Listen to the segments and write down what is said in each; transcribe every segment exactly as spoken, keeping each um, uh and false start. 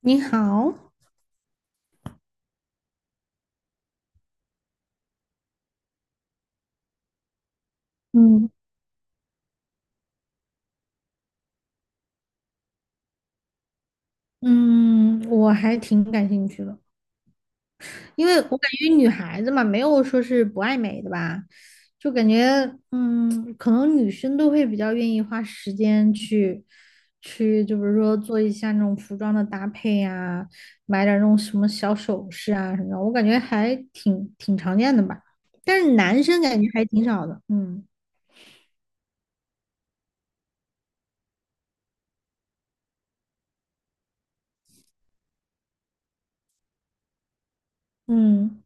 你好，嗯嗯，我还挺感兴趣的，因为我感觉女孩子嘛，没有说是不爱美的吧，就感觉，嗯，可能女生都会比较愿意花时间去，去，就比如说做一下那种服装的搭配呀、买点儿那种什么小首饰啊什么的，我感觉还挺挺常见的吧，但是男生感觉还挺少的，嗯嗯。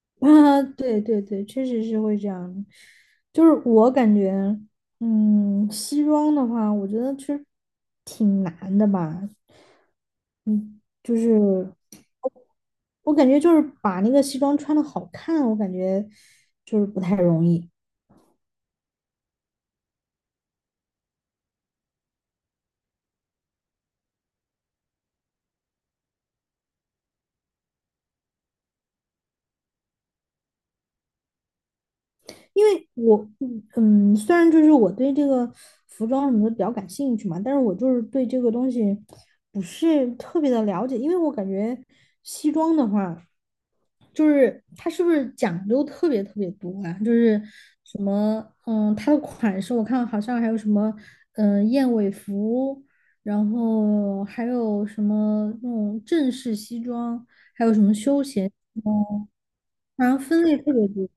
啊，对对对，确实是会这样的。就是我感觉，嗯，西装的话，我觉得其实挺难的吧。就是我感觉，就是把那个西装穿的好看，我感觉就是不太容易。因为我嗯，嗯虽然就是我对这个服装什么的比较感兴趣嘛，但是我就是对这个东西不是特别的了解，因为我感觉西装的话，就是它是不是讲究特别特别多啊？就是什么嗯，它的款式我看好像还有什么嗯燕尾服，然后还有什么那种正式西装，还有休闲，好像分类特别多。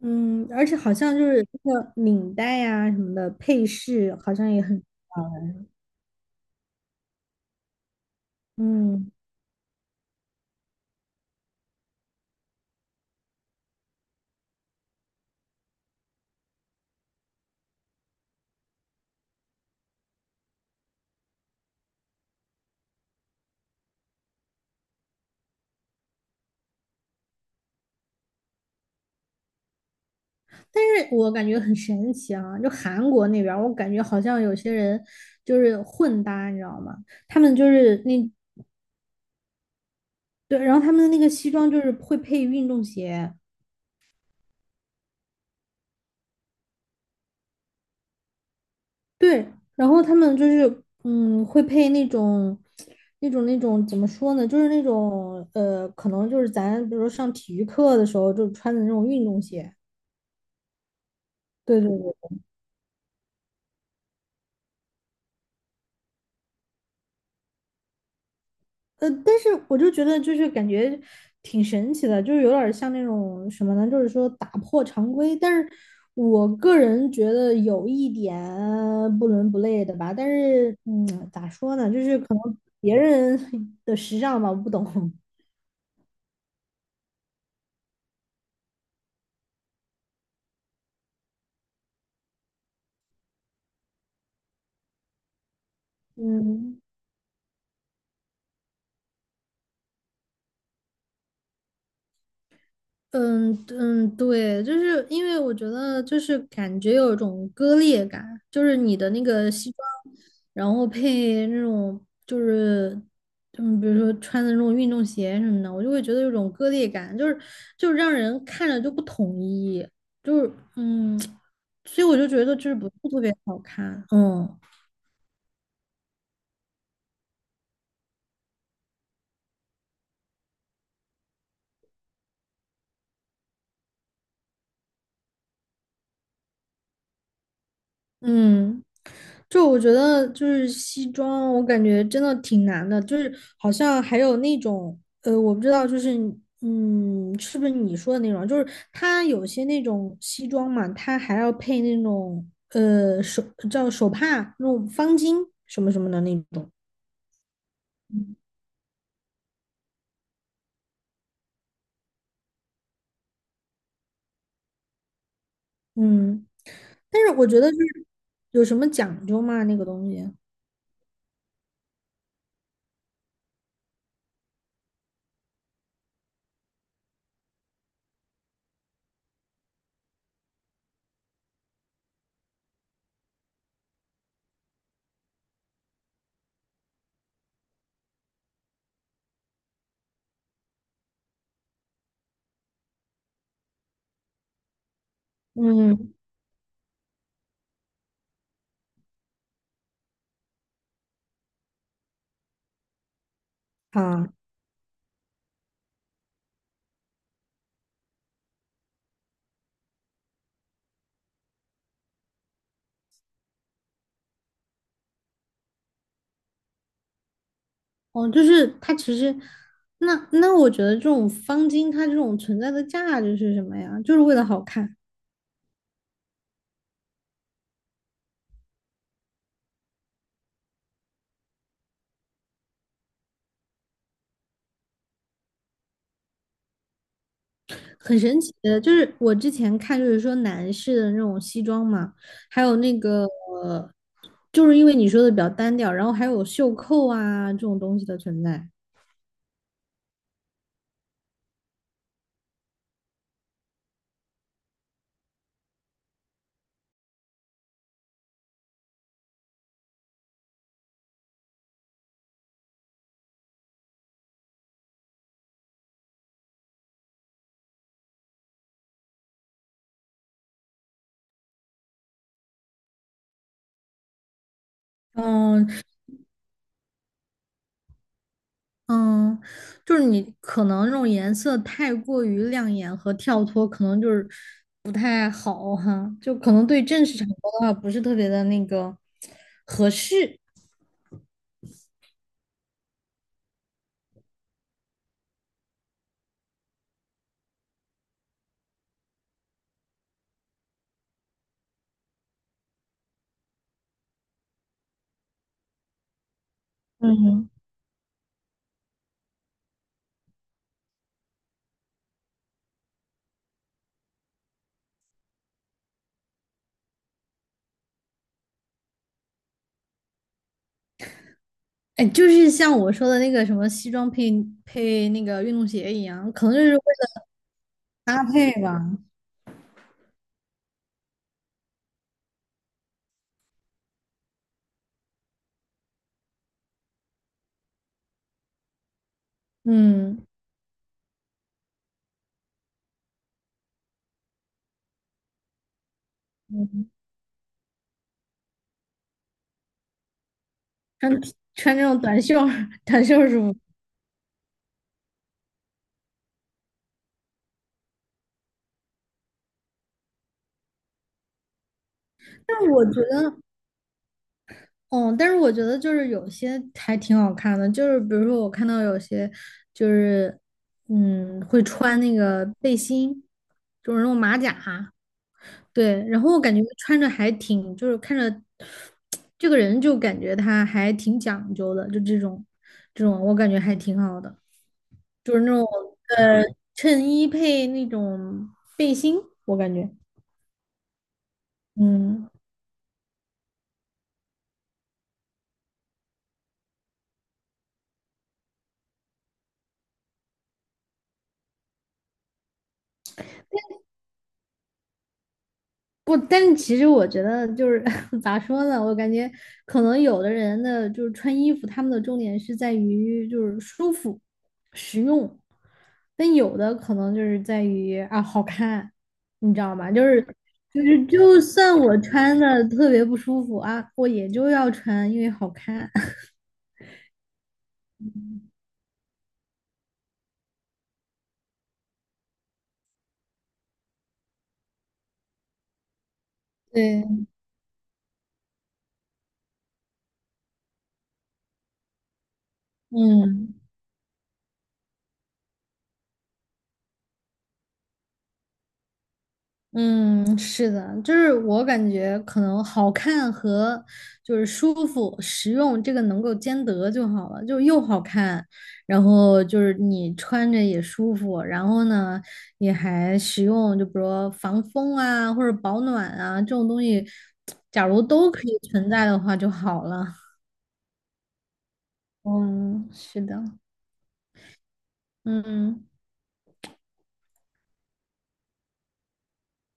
嗯，而且好像就是那个领带呀、什么的配饰，好像也很嗯，但是我感觉很神奇啊，就韩国那边儿我感觉好像有些人就是混搭，你知道吗？他们就是那对，然后他们的那个西装就是会配运动鞋，对，然后他们就是嗯会配那种那种那种怎么说呢，就是那种呃，可能就是咱比如说上体育课的时候就穿的那种运动鞋，对对对。呃，但是我就觉得就是感觉挺神奇的，就是有点像那种什么呢，就是说打破常规。但是我个人觉得有一点不伦不类的吧。但是嗯，咋说呢，就是可能别人 的时尚吧，我不懂。嗯。嗯嗯，对，就是因为我觉得就是感觉有一种割裂感，就是你的那个西装，然后配那种就是嗯，比如说穿的那种运动鞋什么的，我就会觉得有种割裂感，就是就是让人看着就不统一，就是嗯，所以我就觉得就是不是特别好看，嗯。嗯，就我觉得就是西装，我感觉真的挺难的，就是好像还有那种呃，我不知道，就是嗯，是不是你说的那种？就是它有些那种西装嘛，它还要配那种呃手叫手帕那种方巾什么什么的那种。嗯，但是我觉得就是有什么讲究吗？那个东西？嗯，好。哦，就是它其实，那那我觉得这种方巾它这种存在的价值是什么呀？就是为了好看，很神奇的。就是我之前看，就是说男士的那种西装嘛，还有那个，呃就是因为你说的比较单调，然后还有袖扣啊这种东西的存在。嗯，嗯，就是你可能这种颜色太过于亮眼和跳脱，可能就是不太好哈，就可能对正式场合的话不是特别的那个合适。嗯，哎，就是像我说的那个什么西装配配那个运动鞋一样，可能就是为了搭配吧。嗯，嗯穿穿这种短袖儿 短袖儿舒服。但我觉得哦，但是我觉得就是有些还挺好看的，就是比如说我看到有些就是嗯会穿那个背心，就是那种马甲，对，然后我感觉穿着还挺就是看着这个人就感觉他还挺讲究的，就这种这种我感觉还挺好的，就是那种呃衬衣配那种背心，我感觉嗯。不，但是其实我觉得就是 咋说呢，我感觉可能有的人的就是穿衣服，他们的重点是在于就是舒服、实用，但有的可能就是在于啊好看，你知道吗？就是就是就算我穿的特别不舒服啊，我也就要穿，因为好看。对，嗯。嗯，是的，就是我感觉可能好看和就是舒服、实用这个能够兼得就好了，就又好看，然后就是你穿着也舒服，然后呢也还实用，就比如说防风啊或者保暖啊这种东西，假如都可以存在的话就好了。嗯，是的，嗯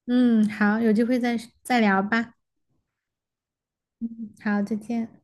嗯，好，有机会再再聊吧。好，再见。